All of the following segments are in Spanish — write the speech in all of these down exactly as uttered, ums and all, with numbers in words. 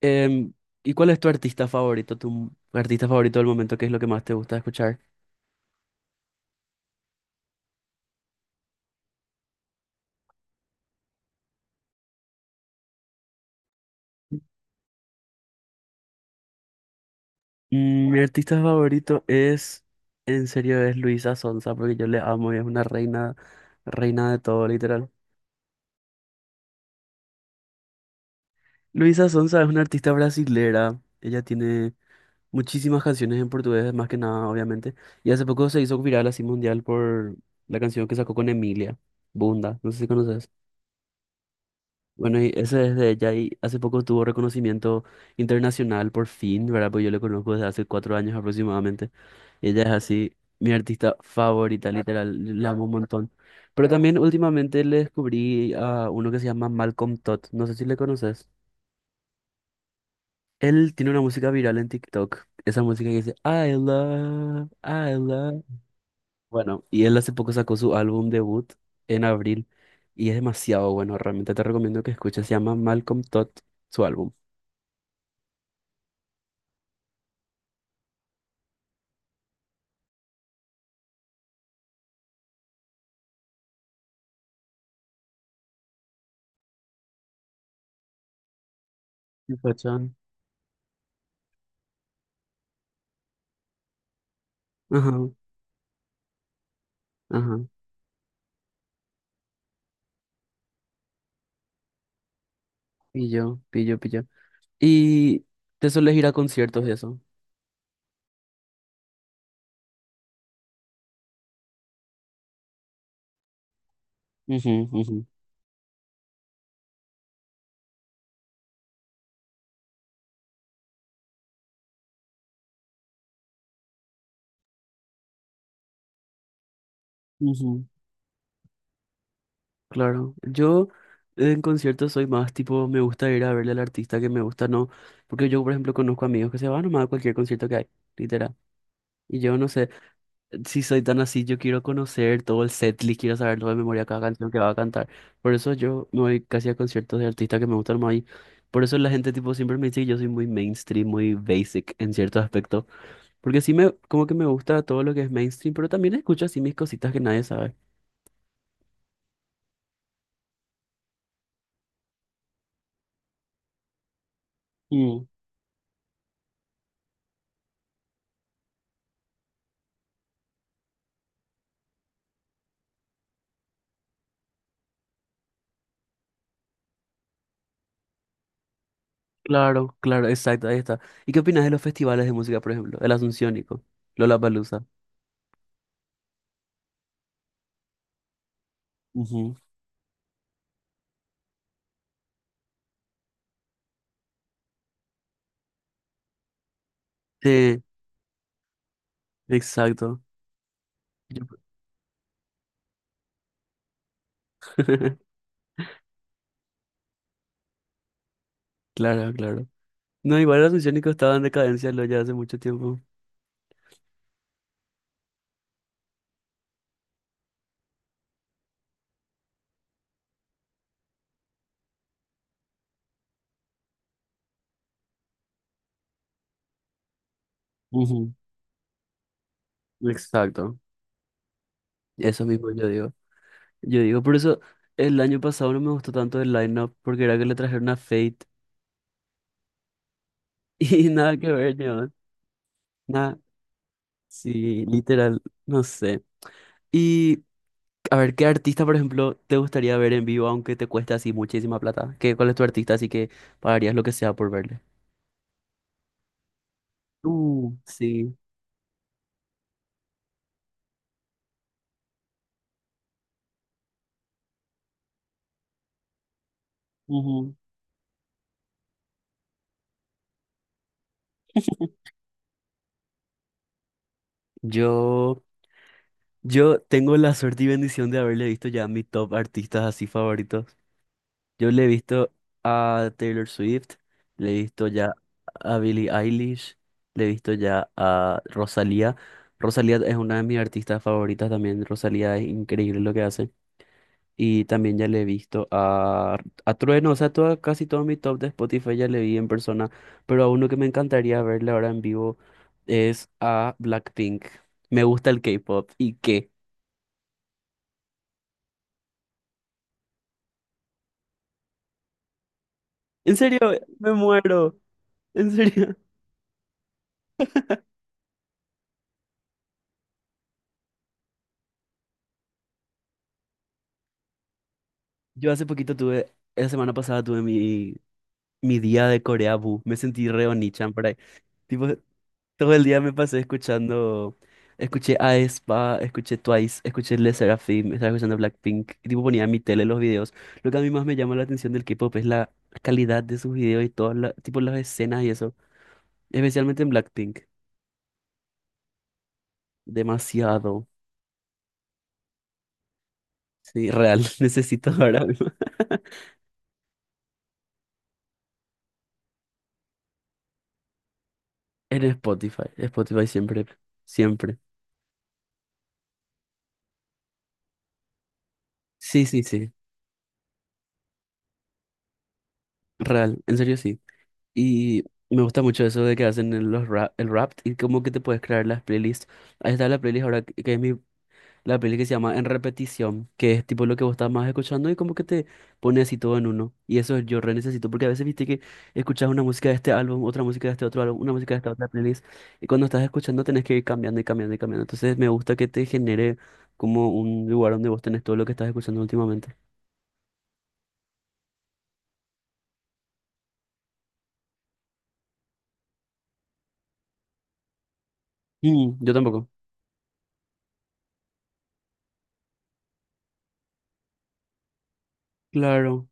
Em, ¿Y cuál es tu artista favorito? ¿Tu artista favorito del momento? ¿Qué es lo que más te gusta escuchar? Mm, Mi artista favorito es, en serio, es Luisa Sonza, porque yo le amo y es una reina, reina de todo, literal. Luisa Sonza es una artista brasilera. Ella tiene muchísimas canciones en portugués, más que nada, obviamente. Y hace poco se hizo viral así mundial por la canción que sacó con Emilia, Bunda. No sé si conoces. Bueno, y eso es de ella y hace poco tuvo reconocimiento internacional por fin, ¿verdad? Pues yo le conozco desde hace cuatro años aproximadamente. Ella es así mi artista favorita, literal, la amo un montón. Pero también últimamente le descubrí a uno que se llama Malcolm Todd, no sé si le conoces. Él tiene una música viral en TikTok, esa música que dice I love, I love. Bueno, y él hace poco sacó su álbum debut en abril y es demasiado bueno, realmente te recomiendo que escuches, se llama Malcolm Todd, su álbum. Un Pachón. Ajá, ajá. Pillo, pillo, pillo. ¿Y te sueles ir a conciertos y eso? Ujú, ujú, ujú. Claro, yo en conciertos soy más tipo, me gusta ir a verle al artista que me gusta, no, porque yo, por ejemplo, conozco amigos que se van nomás a cualquier concierto que hay, literal. Y yo no sé, si soy tan así, yo quiero conocer todo el setlist, quiero saber todo de memoria cada canción que va a cantar. Por eso yo me voy casi a conciertos de artistas que me gustan más y por eso la gente tipo siempre me dice que yo soy muy mainstream, muy basic en ciertos aspectos, porque sí me como que me gusta todo lo que es mainstream, pero también escucho así mis cositas que nadie sabe. Mm. Claro, claro, exacto, ahí está. ¿Y qué opinas de los festivales de música, por ejemplo? El Asunciónico, Lollapalooza. Ujú. Sí, exacto. Yo. Claro, claro. No, igual los misiónicos estaban en decadencia lo ya hace mucho tiempo. Ujú, exacto. Eso mismo yo digo. Yo digo, por eso el año pasado no me gustó tanto el lineup, porque era que le trajeron a Fate y nada que ver, ¿no? Nada, sí, literal, no sé. Y a ver, ¿qué artista, por ejemplo, te gustaría ver en vivo, aunque te cueste así muchísima plata? ¿Qué, cuál es tu artista? Así que pagarías lo que sea por verle. Uh, Sí. Ujú. Yo. Yo tengo la suerte y bendición de haberle visto ya a mis top artistas así favoritos. Yo le he visto a Taylor Swift, le he visto ya a Billie Eilish, le he visto ya a Rosalía. Rosalía es una de mis artistas favoritas también. Rosalía es increíble lo que hace. Y también ya le he visto a, a Trueno, o sea, toda- casi todo mi top de Spotify ya le vi en persona. Pero a uno que me encantaría verle ahora en vivo es a Blackpink. Me gusta el K-pop. ¿Y qué? En serio, me muero. En serio. Yo hace poquito tuve, la semana pasada tuve mi, mi día de Corea Bu. Me sentí re Onichan por ahí. Tipo, todo el día me pasé escuchando. Escuché a aespa, escuché Twice, escuché Le Sserafim, estaba escuchando Blackpink. Y tipo ponía en mi tele los videos. Lo que a mí más me llama la atención del K-pop es la calidad de sus videos y todas las, tipo las escenas y eso. Especialmente en Blackpink. Demasiado. Sí, real. Necesito ahora mismo. En Spotify, Spotify siempre, siempre. Sí, sí, sí, real, en serio sí. Y me gusta mucho eso de que hacen el- los rap, el rap y como que te puedes crear las playlists. Ahí está la playlist ahora que que es mi, la playlist que se llama En Repetición, que es tipo lo que vos estás más escuchando y como que te pone así todo en uno. Y eso yo re necesito porque a veces viste que escuchas una música de este álbum, otra música de este otro álbum, una música de esta otra playlist y cuando estás escuchando tenés que ir cambiando y cambiando y cambiando. Entonces me gusta que te genere como un lugar donde vos tenés todo lo que estás escuchando últimamente. Mm, yo tampoco. Claro.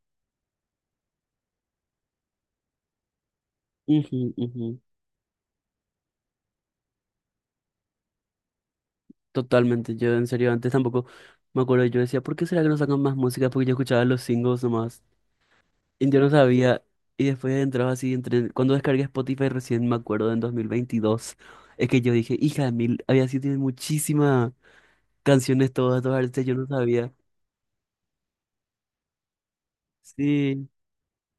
Ujú, ujú. Totalmente. Yo en serio antes tampoco me acuerdo. Yo decía, ¿por qué será que no sacan más música? Porque yo escuchaba los singles nomás. Y yo no sabía. Y después entraba así, entre... cuando descargué Spotify recién me acuerdo en dos mil veintidós. Es que yo dije, hija de mil, había sido tiene muchísimas canciones todas, todas artistas, yo no sabía. Sí.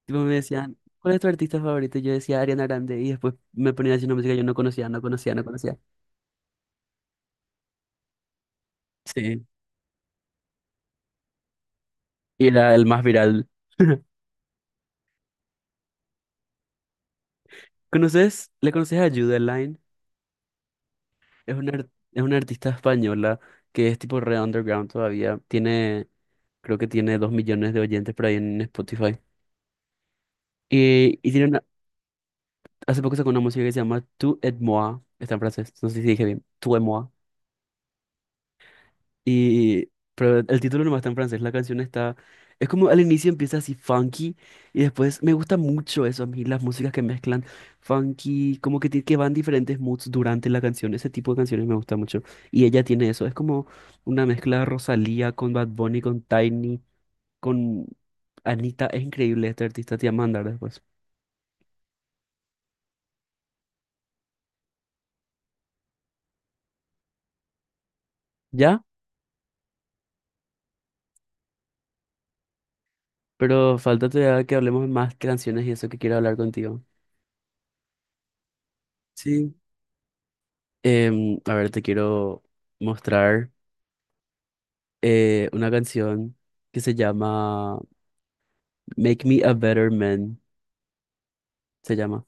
Tipo me decían, ¿cuál es tu artista favorito? Y yo decía Ariana Grande. Y después me ponía haciendo música que yo no conocía, no conocía, no conocía. Sí. Y era el más viral. ¿Conoces? ¿Le conoces a Line? Es una, ar- es una artista española que es tipo re underground todavía. Tiene, creo que tiene dos millones de oyentes por ahí en Spotify. Y, y tiene una- hace poco sacó una música que se llama Tu et moi. Está en francés. No sé si dije bien. Tu et moi. Y, pero el título nomás está en francés, la canción está... Es como al inicio empieza así funky y después me gusta mucho eso, a mí las músicas que mezclan funky, como que, ti- que van diferentes moods durante la canción, ese tipo de canciones me gusta mucho. Y ella tiene eso, es como una mezcla de Rosalía con Bad Bunny, con Tiny, con Anita, es increíble este artista, te voy a mandar después. ¿Ya? Pero falta todavía que hablemos más canciones y eso que quiero hablar contigo. Sí. Em, a ver, te quiero mostrar. Eh, una canción que se llama Make Me a Better Man, se llama.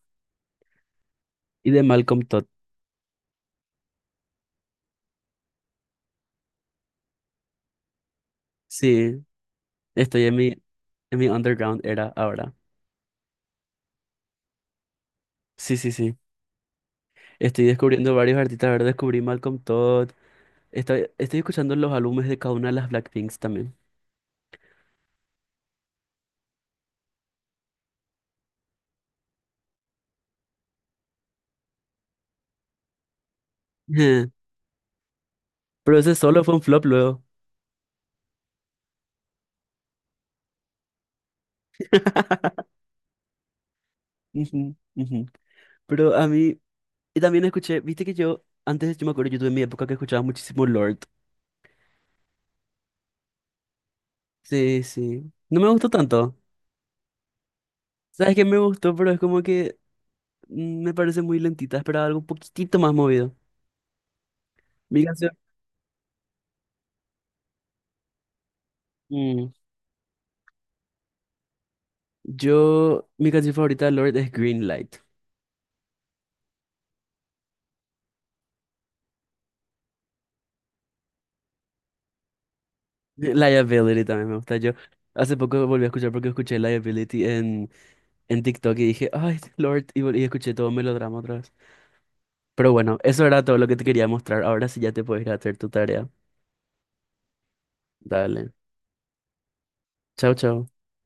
Y de Malcolm Todd. Sí, estoy en mi, en mi underground era ahora. Sí, sí, sí. Estoy descubriendo varios artistas. Ahora descubrí Malcolm Todd. Estoy, estoy escuchando los álbumes de cada una de las Blackpinks también. Pero ese solo fue un flop luego. Ujú, ujú. Pero a mí, y también escuché, viste que yo, antes yo me acuerdo, yo tuve mi época que escuchaba muchísimo Lord. Sí, sí. No me gustó tanto. ¿Sabes qué me gustó? Pero es como que mm, me parece muy lentita. Esperaba algo un poquitito más movido. Mi canción. mm, yo, mi canción favorita de Lord es Green Light. Liability también me gusta. Yo hace poco volví a escuchar porque escuché Liability en, en TikTok y dije, ay, Lord, y, vol- y escuché todo melodrama otra vez. Pero bueno, eso era todo lo que te quería mostrar. Ahora sí ya te puedes ir a hacer tu tarea. Dale. Chao, chao.